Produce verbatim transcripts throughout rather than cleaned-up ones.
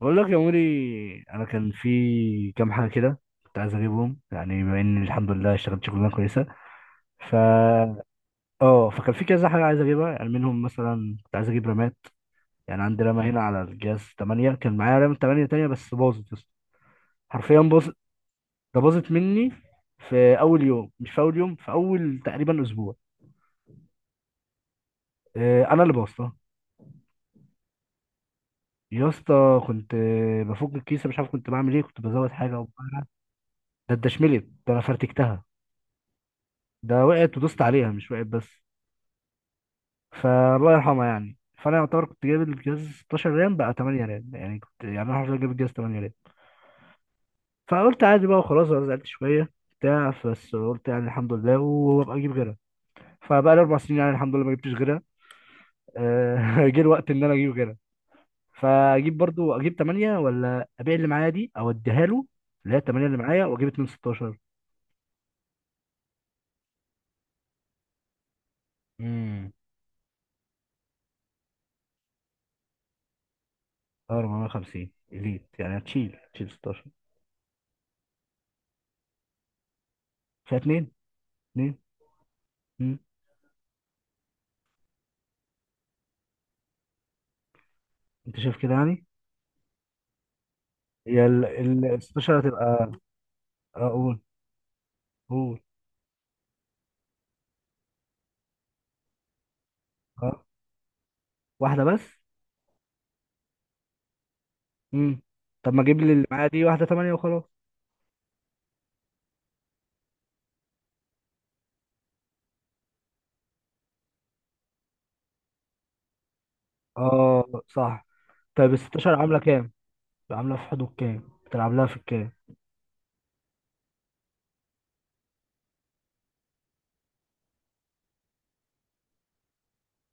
بقول لك يا عمري، انا كان في كام حاجه كده كنت عايز اجيبهم. يعني بما اني الحمد لله اشتغلت شغلانه كويسه. ف اه فكان في كذا حاجه عايز اجيبها، يعني منهم مثلا كنت عايز اجيب رامات. يعني عندي رامه هنا على الجهاز تمنية، كان معايا رام تمنية تانية بس باظت يا اسطى. حرفيا باظت. ده باظت مني في اول يوم، مش في اول يوم في اول تقريبا اسبوع. آه، انا اللي بوظتها. يا اسطى كنت، آه، بفك الكيسه مش عارف كنت بعمل ايه، كنت بزود حاجه او بقى. ده اتدشملت، ده انا فرتكتها. ده وقعت ودوست عليها مش وقعت بس. فالله يرحمها يعني. فانا يعتبر كنت جايب الجهاز ستاشر رام، بقى تمنية رام، يعني كنت، يعني انا حرفيا جايب الجهاز تمنية رام. فقلت عادي بقى وخلاص، انا زعلت شويه بتاع، بس قلت يعني الحمد لله وابقى اجيب غيرها. فبقى لي اربع سنين يعني الحمد لله ما جبتش غيرها. آه، جه الوقت ان انا اجيب غيرها. فاجيب، برضو اجيب تمنية ولا ابيع اللي معايا دي او اديها له اللي هي تمنية اللي معايا واجيب اتنين ستاشر. امم. اه اربعمية وخمسين اليت، يعني هتشيل هتشيل ستاشر. فيها اتنين. اتنين. مم. انت شايف كده يعني. هي ال ال ستاشر هتبقى. اقول. قول. اه. واحده بس. امم. طب ما اجيب لي اللي معايا دي واحده تمنية وخلاص. اه صح. طيب ال ستاشر عامله كام؟ عامله في حدود كام؟ بتلعب لها في الكام؟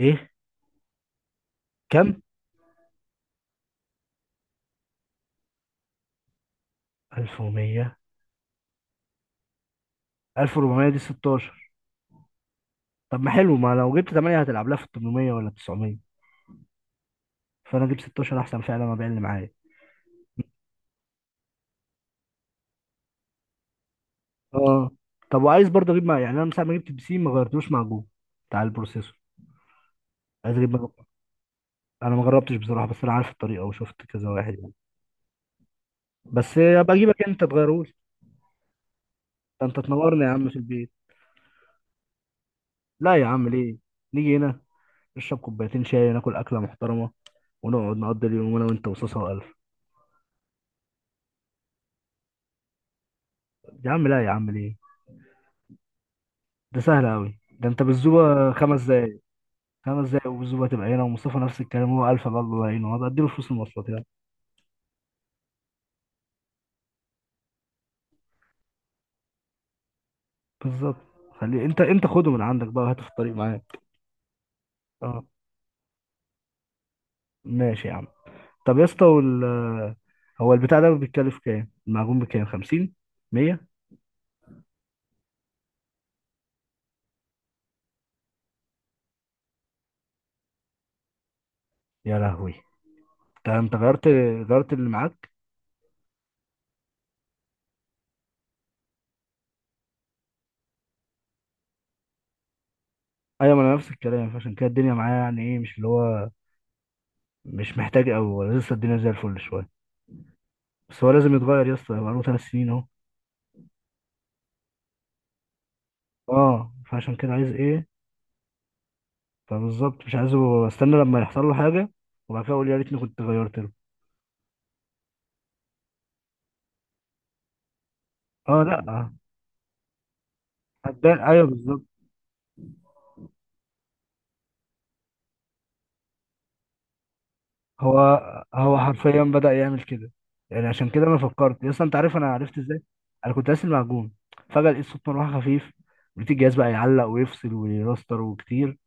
ايه، كام؟ ألف ومية؟ ألف واربعمية دي ستاشر؟ طب ما حلو، ما لو جبت تمنية هتلعب لها في تمنمية ولا تسعمية. فانا اجيب ستة عشر احسن فعلا ما ابيع اللي معايا. اه طب وعايز برضه اجيب، مع يعني انا من ساعه ما جبت البي سي ما غيرتوش مع جوجل بتاع البروسيسور. عايز اجيب. انا ما جربتش بصراحه بس انا عارف الطريقه وشفت كذا واحد يعني. بس ابقى اجيبك انت تغيرهولي. ده انت تنورني يا عم في البيت. لا يا عم ليه، نيجي هنا نشرب كوبايتين شاي وناكل اكله محترمه ونقعد نقضي اليوم انا وانت وصوصه والف. يا عم لا يا عم ليه. ده سهل قوي، ده انت بالزوبه خمس دقايق. خمس دقايق والزوبه تبقى هنا، ومصطفى نفس الكلام، هو الف بقى الله يعينه هبقى اديله فلوس المواصلات يعني. بالظبط. خليه، انت انت خده من عندك بقى وهاته في الطريق معاك. اه ماشي يا عم. طب يا اسطى وال... هو البتاع ده بيتكلف كام؟ المعجون بكام؟ خمسين؟ مية؟ يا لهوي. انت انت غيرت؟ غيرت اللي معاك؟ ايوه ما انا نفس الكلام، فعشان كده الدنيا معايا، يعني ايه، مش اللي هو مش محتاج قوي لسه، الدنيا زي الفل شويه. بس هو لازم يتغير يا اسطى، بقاله ثلاث سنين اهو. اه فعشان كده عايز ايه، فبالظبط مش عايزه استنى لما يحصل له حاجه وبعد كده اقول يا ريتني كنت غيرت له. اه لا هتبان، ايوه بالظبط. هو هو حرفيا بدأ يعمل كده، يعني عشان كده انا فكرت يا اسطى، انت عارف انا عرفت ازاي؟ انا كنت قاسي المعجون، فجأة لقيت صوت مروحة خفيف، لقيت الجهاز بقى يعلق ويفصل ويراستر وكتير.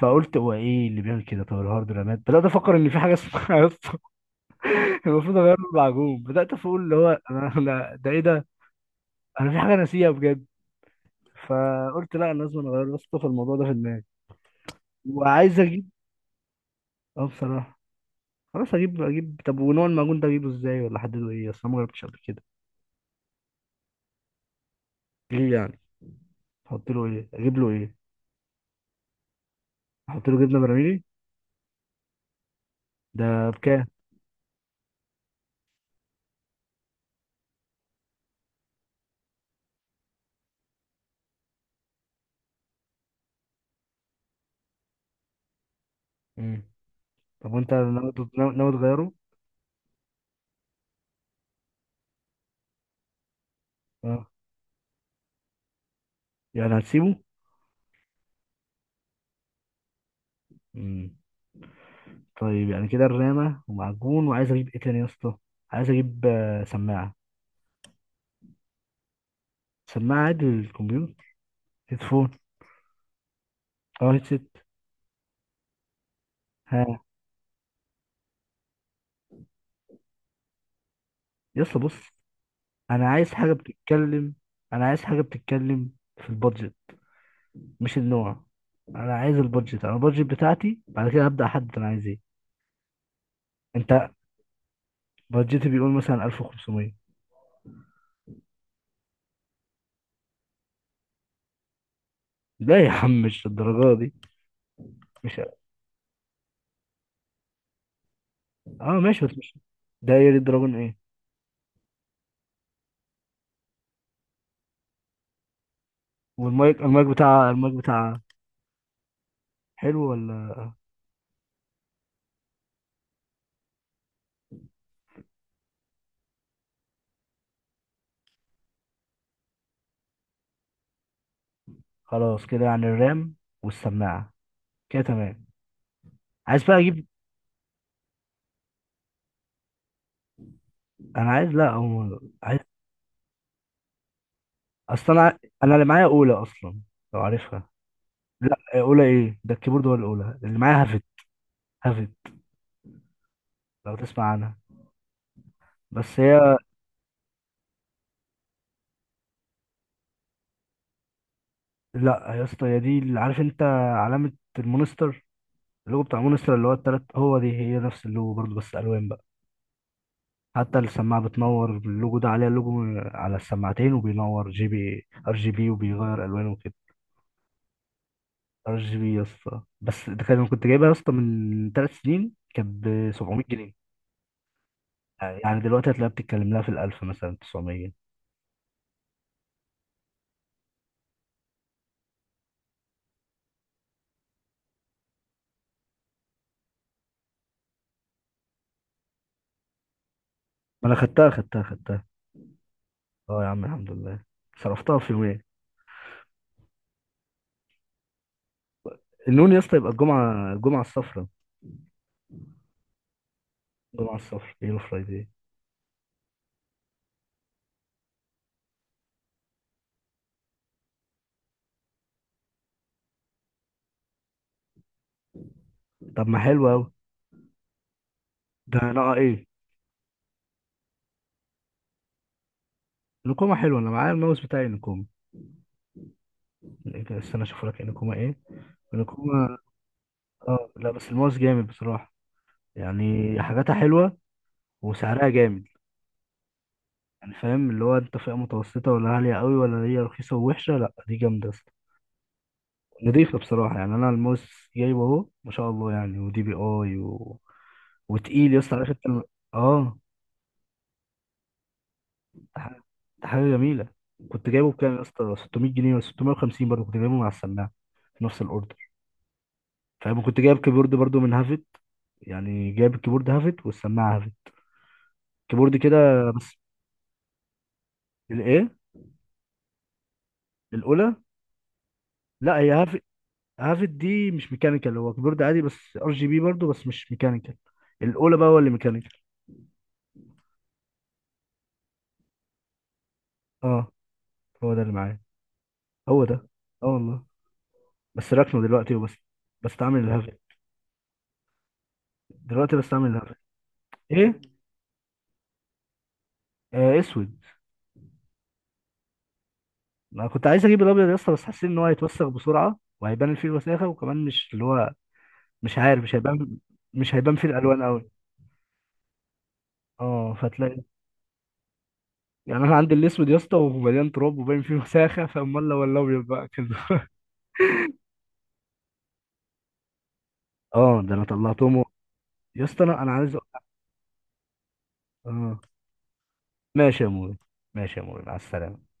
فقلت هو ايه اللي بيعمل كده؟ طب الهارد؟ رامات؟ بدأت افكر ان في حاجة اسمها يا اسطى المفروض اغير له المعجون. بدأت اقول اللي هو انا أنا- ده ايه ده، انا في حاجة ناسيها بجد. فقلت لا انا لازم اغير يا اسطى، في الموضوع ده في دماغي. وعايز اجيب، اه بصراحة. خلاص اجيب، اجيب طب ونوع المعجون ده اجيبه ازاي؟ ولا احدده ايه، اصل أنا ما جربتش قبل كده. ليه يعني؟ احط له ايه؟ اجيب له ايه؟ احط له جبنه براميلي. ده بكام؟ امم. طب وانت ناوي تط- ناوي ناوي تغيره؟ اه يعني هتسيبه. امم. طيب يعني كده الرامه ومعجون، وعايز اجيب ايه تاني يا اسطى؟ عايز اجيب آه، سماعه. سماعه عادي للكمبيوتر، هيدفون. اه هيدسيت. ها. يا اسطى بص، انا عايز حاجه بتتكلم، انا عايز حاجه بتتكلم في البادجت مش النوع. انا عايز البادجت، انا البادجت بتاعتي بعد كده هبدا احدد انا عايز ايه. انت بادجتي بيقول مثلا ألف وخمسمية. لا يا عم مش الدرجة دي. مش اه ماشي بس مش. ده ايه دراجون ايه؟ والمايك، المايك بتاع، المايك بتاع. حلو ولا؟ خلاص كده يعني، الرام والسماعة كده تمام. عايز بقى اجيب. انا عايز لا أو... عايز. اصل انا ع- انا اللي معايا اولى اصلا، لو عارفها. لا اولى ايه؟ ده الكيبورد ولا؟ الاولى اللي معايا هافت. هافت. لو تسمع عنها. بس هي. لا يا اسطى هي دي اللي عارف انت، علامة المونستر، اللوجو بتاع مونستر اللي هو التلات، هو دي هي نفس اللوجو برضه بس الوان بقى. حتى السماعة بتنور، اللوجو ده عليها لوجو على السماعتين، وبينور جي بي ار جي بي، وبيغير الوانه وكده. ار جي بي يا اسطى. بس ده كان، كنت جايبها يا اسطى من ثلاث سنين كانت ب سبعمية جنيه. يعني دلوقتي هتلاقيها بتتكلم لها في الألف، مثلا تسعمية. ما انا خدتها، خدتها، خدتها. اه يا عم الحمد لله، صرفتها في يومين. النون يا اسطى، يبقى الجمعة، الجمعة الصفراء. الجمعة الصفراء، يلو فرايداي. طب ما حلو قوي، ده انا آه ايه، نكومة حلوه. انا معايا الماوس بتاعي نكومة. استنى اشوف لك نكومة ايه. نكومة. اه لا، بس الماوس جامد بصراحة. يعني حاجاتها حلوة وسعرها جامد. يعني فاهم اللي هو، انت فئة متوسطة ولا عالية قوي ولا هي رخيصة ووحشة؟ لا دي جامدة يا اسطى. نضيفة بصراحة. يعني انا الماوس جايبه اهو ما شاء الله يعني، ودي بي اي و... وتقيل يا اسطى، عارف انت الم- اه. ده حاجة، ده حاجة جميلة. كنت جايبه بكام يا اسطى؟ ستمية جنيه ولا ستمية وخمسين؟ برضه كنت جايبه مع السماعة في نفس الاوردر. فاهم كنت جايب كيبورد برضه من هافت، يعني جايب الكيبورد هافت والسماعة هافت. كيبورد كده بس. الايه، الأولى. لا هي هافت. هافت دي مش ميكانيكال، هو كيبورد عادي بس ار جي بي برضه بس مش ميكانيكال. الاولى بقى هو اللي ميكانيكال. اه هو ده اللي معايا. هو ده. اه والله. بس راكنه دلوقتي وبس، بستعمل الهافت. دلوقتي بستعمل الهافت. ايه. آه اسود. انا كنت عايز اجيب الابيض يا اسطى بس حسيت ان هو هيتوسخ بسرعه وهيبان فيه الوساخه، وكمان مش اللي هو مش عارف، مش هيبان. مش هيبان فيه الالوان قوي. اه فتلاقي، يعني انا عندي الاسود يا اسطى ومليان تراب وباين فيه وساخه، فامال لو الابيض بقى كده. اه ده انا طلعتهم. يا اسطى انا، انا عايز أ- اه ماشي يا موري، ماشي يا موري مع السلامه.